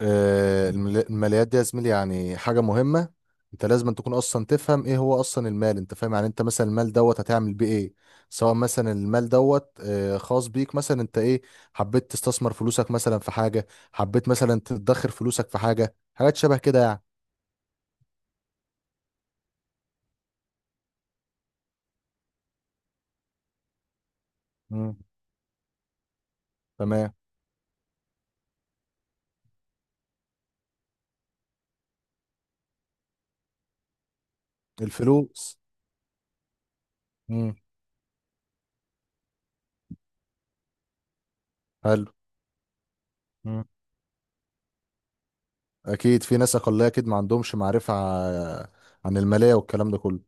الماليات دي يا زميلي، يعني حاجة مهمة. انت لازم تكون اصلا تفهم ايه هو اصلا المال، انت فاهم؟ يعني انت مثلا المال دوت هتعمل بيه ايه؟ سواء مثلا المال دوت خاص بيك، مثلا انت ايه، حبيت تستثمر فلوسك مثلا في حاجة، حبيت مثلا تدخر فلوسك في حاجة، حاجات شبه كده يعني. مم. تمام. الفلوس. مم. حلو. مم. اكيد في ناس اقلية، اكيد ما عندهمش معرفة عن المالية والكلام ده كله.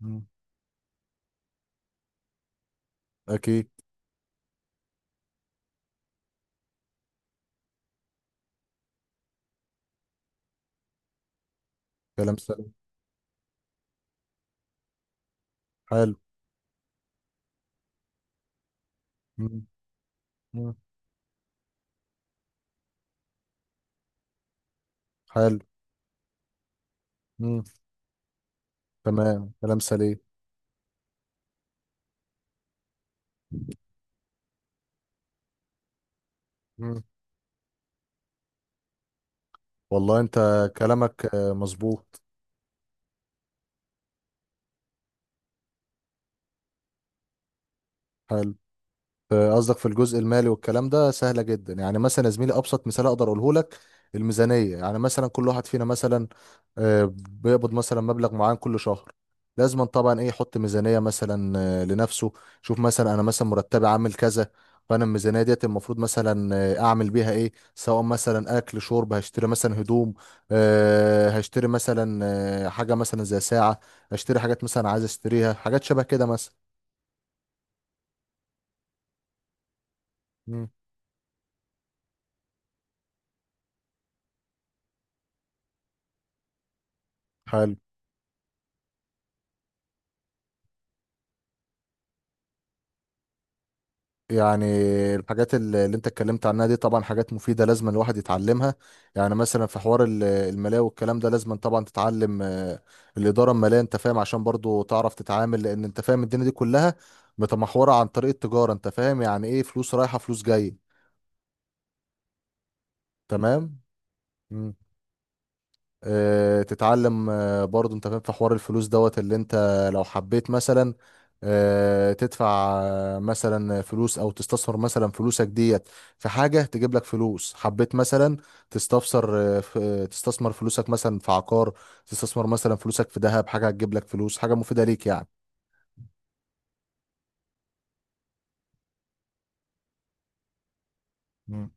مم. اكيد. كلام سليم. حلو. مم. مم. حلو. مم. تمام. كلام سليم. مم. والله انت، كلامك مظبوط. حلو. قصدك في الجزء المالي والكلام ده، سهلة جدا. يعني مثلا يا زميلي، أبسط مثال أقدر أقوله لك. الميزانية، يعني مثلا كل واحد فينا مثلا بيقبض مثلا مبلغ معين كل شهر. لازم طبعا إيه يحط ميزانية مثلا لنفسه. شوف مثلا، أنا مثلا مرتبي عامل كذا. فأنا الميزانية ديت المفروض مثلا أعمل بيها إيه، سواء مثلا أكل شرب، هشتري مثلا هدوم، هشتري مثلا حاجة مثلا زي ساعة. هشتري حاجات مثلا عايز أشتريها، حاجات شبه كده مثلا. مم. حلو. يعني الحاجات اللي انت اتكلمت عنها دي طبعا حاجات مفيدة، لازم الواحد يتعلمها. يعني مثلا في حوار المالية والكلام ده، لازم طبعا تتعلم الإدارة المالية، انت فاهم، عشان برضو تعرف تتعامل، لأن انت فاهم الدنيا دي كلها متمحورة عن طريق التجارة، انت فاهم، يعني ايه فلوس رايحة فلوس جاية. تمام. تتعلم برضو، انت فاهم، في حوار الفلوس دوت اللي انت لو حبيت مثلا تدفع مثلا فلوس، او تستثمر مثلا فلوسك ديت في حاجة تجيب لك فلوس. حبيت مثلا تستفسر، تستثمر فلوسك مثلا في عقار، تستثمر مثلا فلوسك في ذهب، حاجة هتجيب لك فلوس، حاجة مفيدة ليك يعني. مم.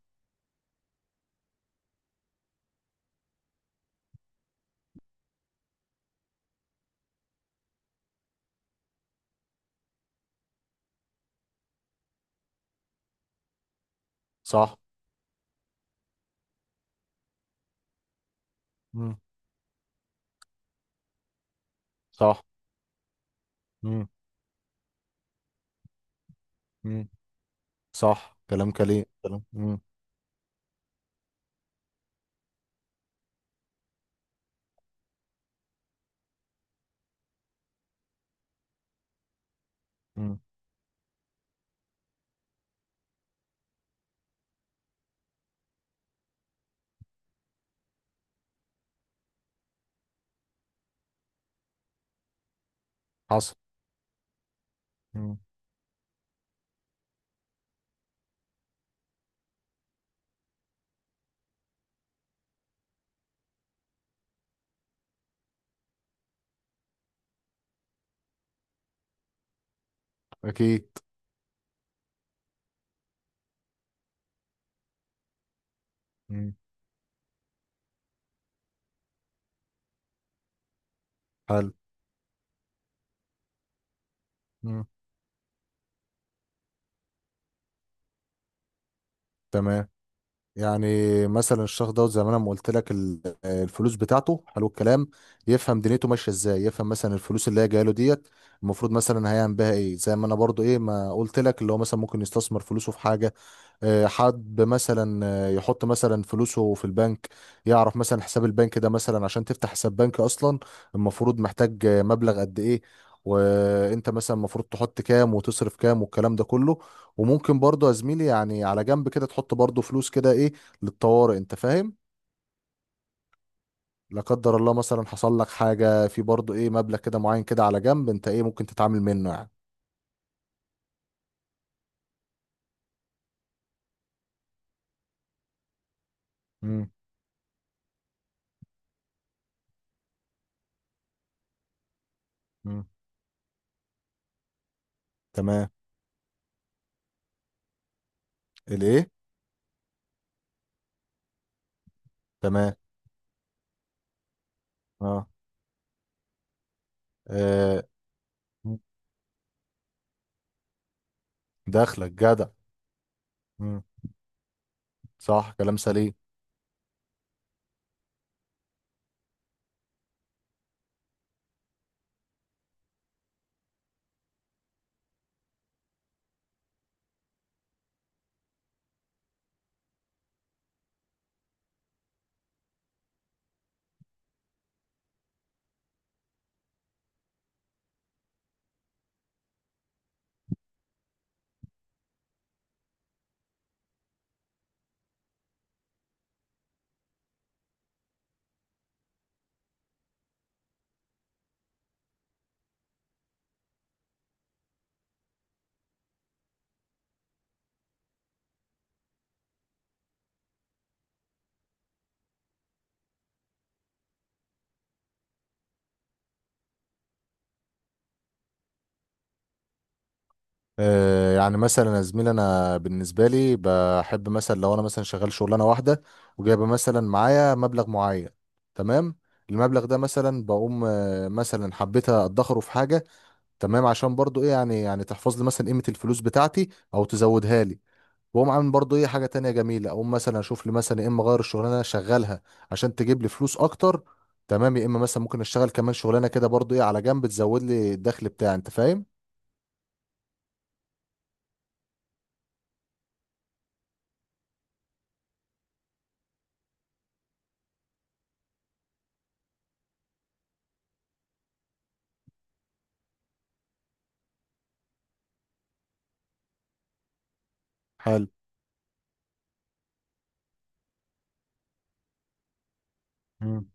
صح. مم. صح. مم. مم. صح كلام كليم كلام. مم. مم. حصل. مم. اكيد. مم. حلو. مم. تمام. يعني مثلا الشخص دوت، زي ما انا ما قلت لك، الفلوس بتاعته، حلو الكلام، يفهم دنيته ماشيه ازاي، يفهم مثلا الفلوس اللي هي جايه له ديت المفروض مثلا هيعمل بها ايه. زي ما انا برضو ايه ما قلت لك، اللي هو مثلا ممكن يستثمر فلوسه في حاجه. حد مثلا يحط مثلا فلوسه في البنك، يعرف مثلا حساب البنك ده، مثلا عشان تفتح حساب بنك اصلا المفروض محتاج مبلغ قد ايه، وانت مثلا المفروض تحط كام وتصرف كام والكلام ده كله. وممكن برضه يا زميلي، يعني على جنب كده تحط برضه فلوس كده ايه، للطوارئ، انت فاهم. لا قدر الله مثلا حصل لك حاجة، في برضه ايه مبلغ كده معين كده على جنب انت ايه ممكن تتعامل منه يعني. مم. مم. تمام. الايه. تمام. اه. آه. دخلك جدع. مم. صح. كلام سليم. يعني مثلا يا زميلي، انا بالنسبه لي بحب مثلا لو انا مثلا شغال شغلانه واحده وجايبه مثلا معايا مبلغ معين. تمام. المبلغ ده مثلا بقوم مثلا حبيت ادخره في حاجه. تمام. عشان برضو ايه يعني تحفظ لي مثلا قيمه الفلوس بتاعتي، او تزودها لي. واقوم عامل برضو ايه حاجه تانية جميله، اقوم مثلا اشوف لي مثلا، يا اما اغير الشغلانه اللي انا شغالها عشان تجيب لي فلوس اكتر. تمام. يا اما مثلا ممكن اشتغل كمان شغلانه كده برضو ايه على جنب تزود لي الدخل بتاعي، انت فاهم. حلو. مم.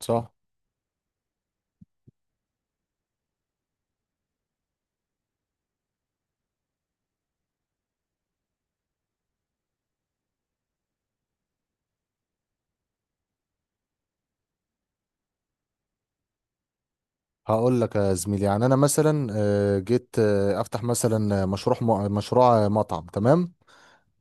صح. هقول لك يا زميلي، يعني انا مثلا جيت افتح مثلا مشروع مطعم. تمام.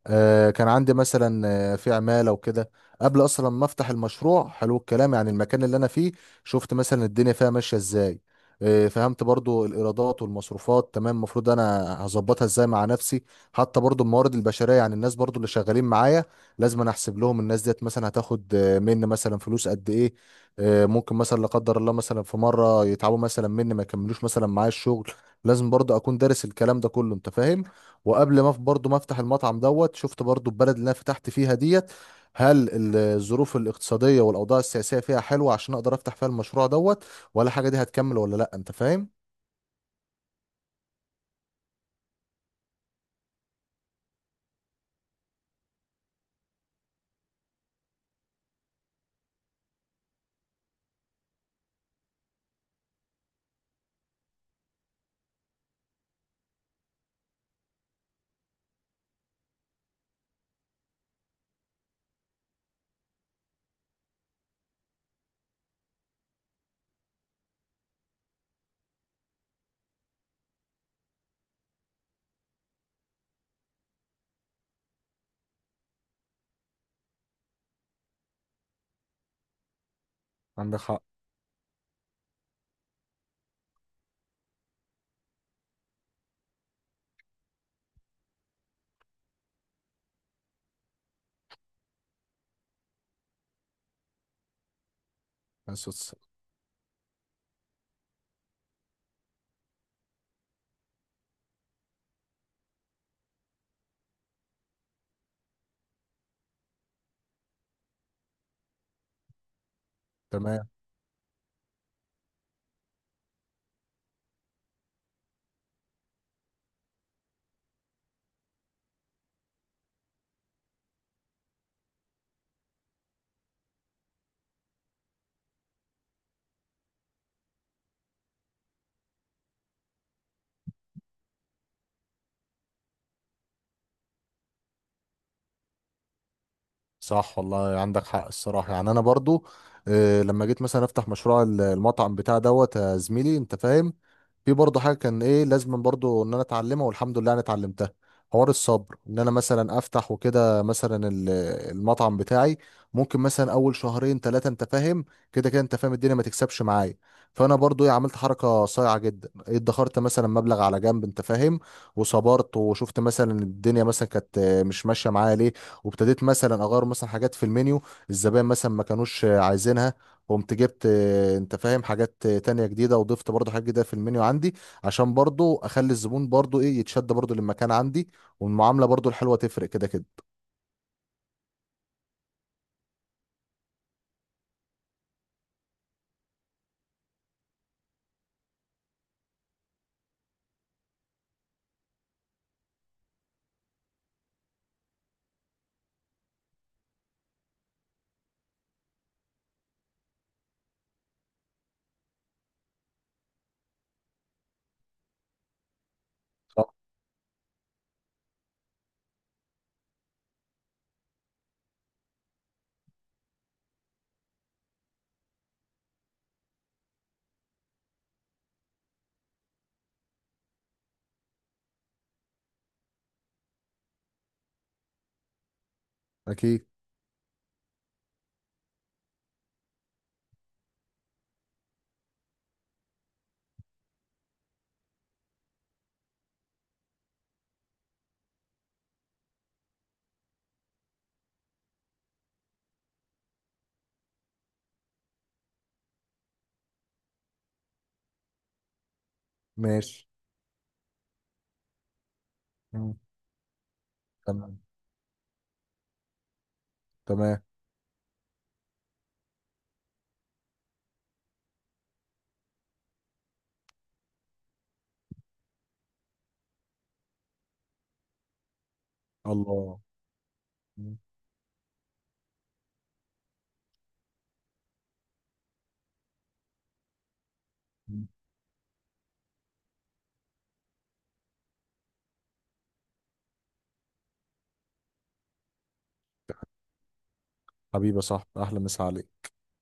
كان عندي مثلا في عمالة وكده، قبل اصلا ما افتح المشروع، حلو الكلام، يعني المكان اللي انا فيه شفت مثلا الدنيا فيها ماشية ازاي. فهمت برضو الايرادات والمصروفات، تمام، المفروض انا هظبطها ازاي مع نفسي. حتى برضو الموارد البشرية، يعني الناس برضو اللي شغالين معايا، لازم انا احسب لهم، الناس ديت مثلا هتاخد مني مثلا فلوس قد ايه. ممكن مثلا لا قدر الله مثلا في مرة يتعبوا مثلا مني، ما يكملوش مثلا معايا الشغل، لازم برضو اكون دارس الكلام ده كله، انت فاهم. وقبل ما برضو ما افتح المطعم دوت، شفت برضو البلد اللي انا فتحت فيها ديت، هل الظروف الاقتصادية والاوضاع السياسية فيها حلوة عشان اقدر افتح فيها المشروع دوت، ولا حاجة، دي هتكمل ولا لا، انت فاهم. عندك حق. بس بس- تمام. صح والله، عندك حق الصراحة، يعني انا برضو لما جيت مثلا افتح مشروع المطعم بتاع دوت، يا زميلي، انت فاهم، في برضه حاجه كان ايه لازم برضه ان انا اتعلمها، والحمد لله انا اتعلمتها. حوار الصبر، ان انا مثلا افتح وكده مثلا المطعم بتاعي، ممكن مثلا اول شهرين ثلاثه، انت فاهم، كده كده، انت فاهم، الدنيا ما تكسبش معايا. فانا برضو إيه عملت حركه صايعه جدا، ادخرت مثلا مبلغ على جنب، انت فاهم. وصبرت وشفت مثلا الدنيا مثلا كانت مش ماشيه معايا ليه، وابتديت مثلا اغير مثلا حاجات في المنيو الزبائن مثلا ما كانوش عايزينها، قمت جبت انت فاهم حاجات تانية جديدة، وضفت برضو حاجات جديدة في المنيو عندي عشان برضو اخلي الزبون برضو ايه يتشد برضو للمكان عندي. والمعاملة برضو الحلوة تفرق كده كده. صح. اكيد. ماشي. مم. تمام. تمام. الله. مم. حبيبي يا صاحبي، احلى مسا عليك.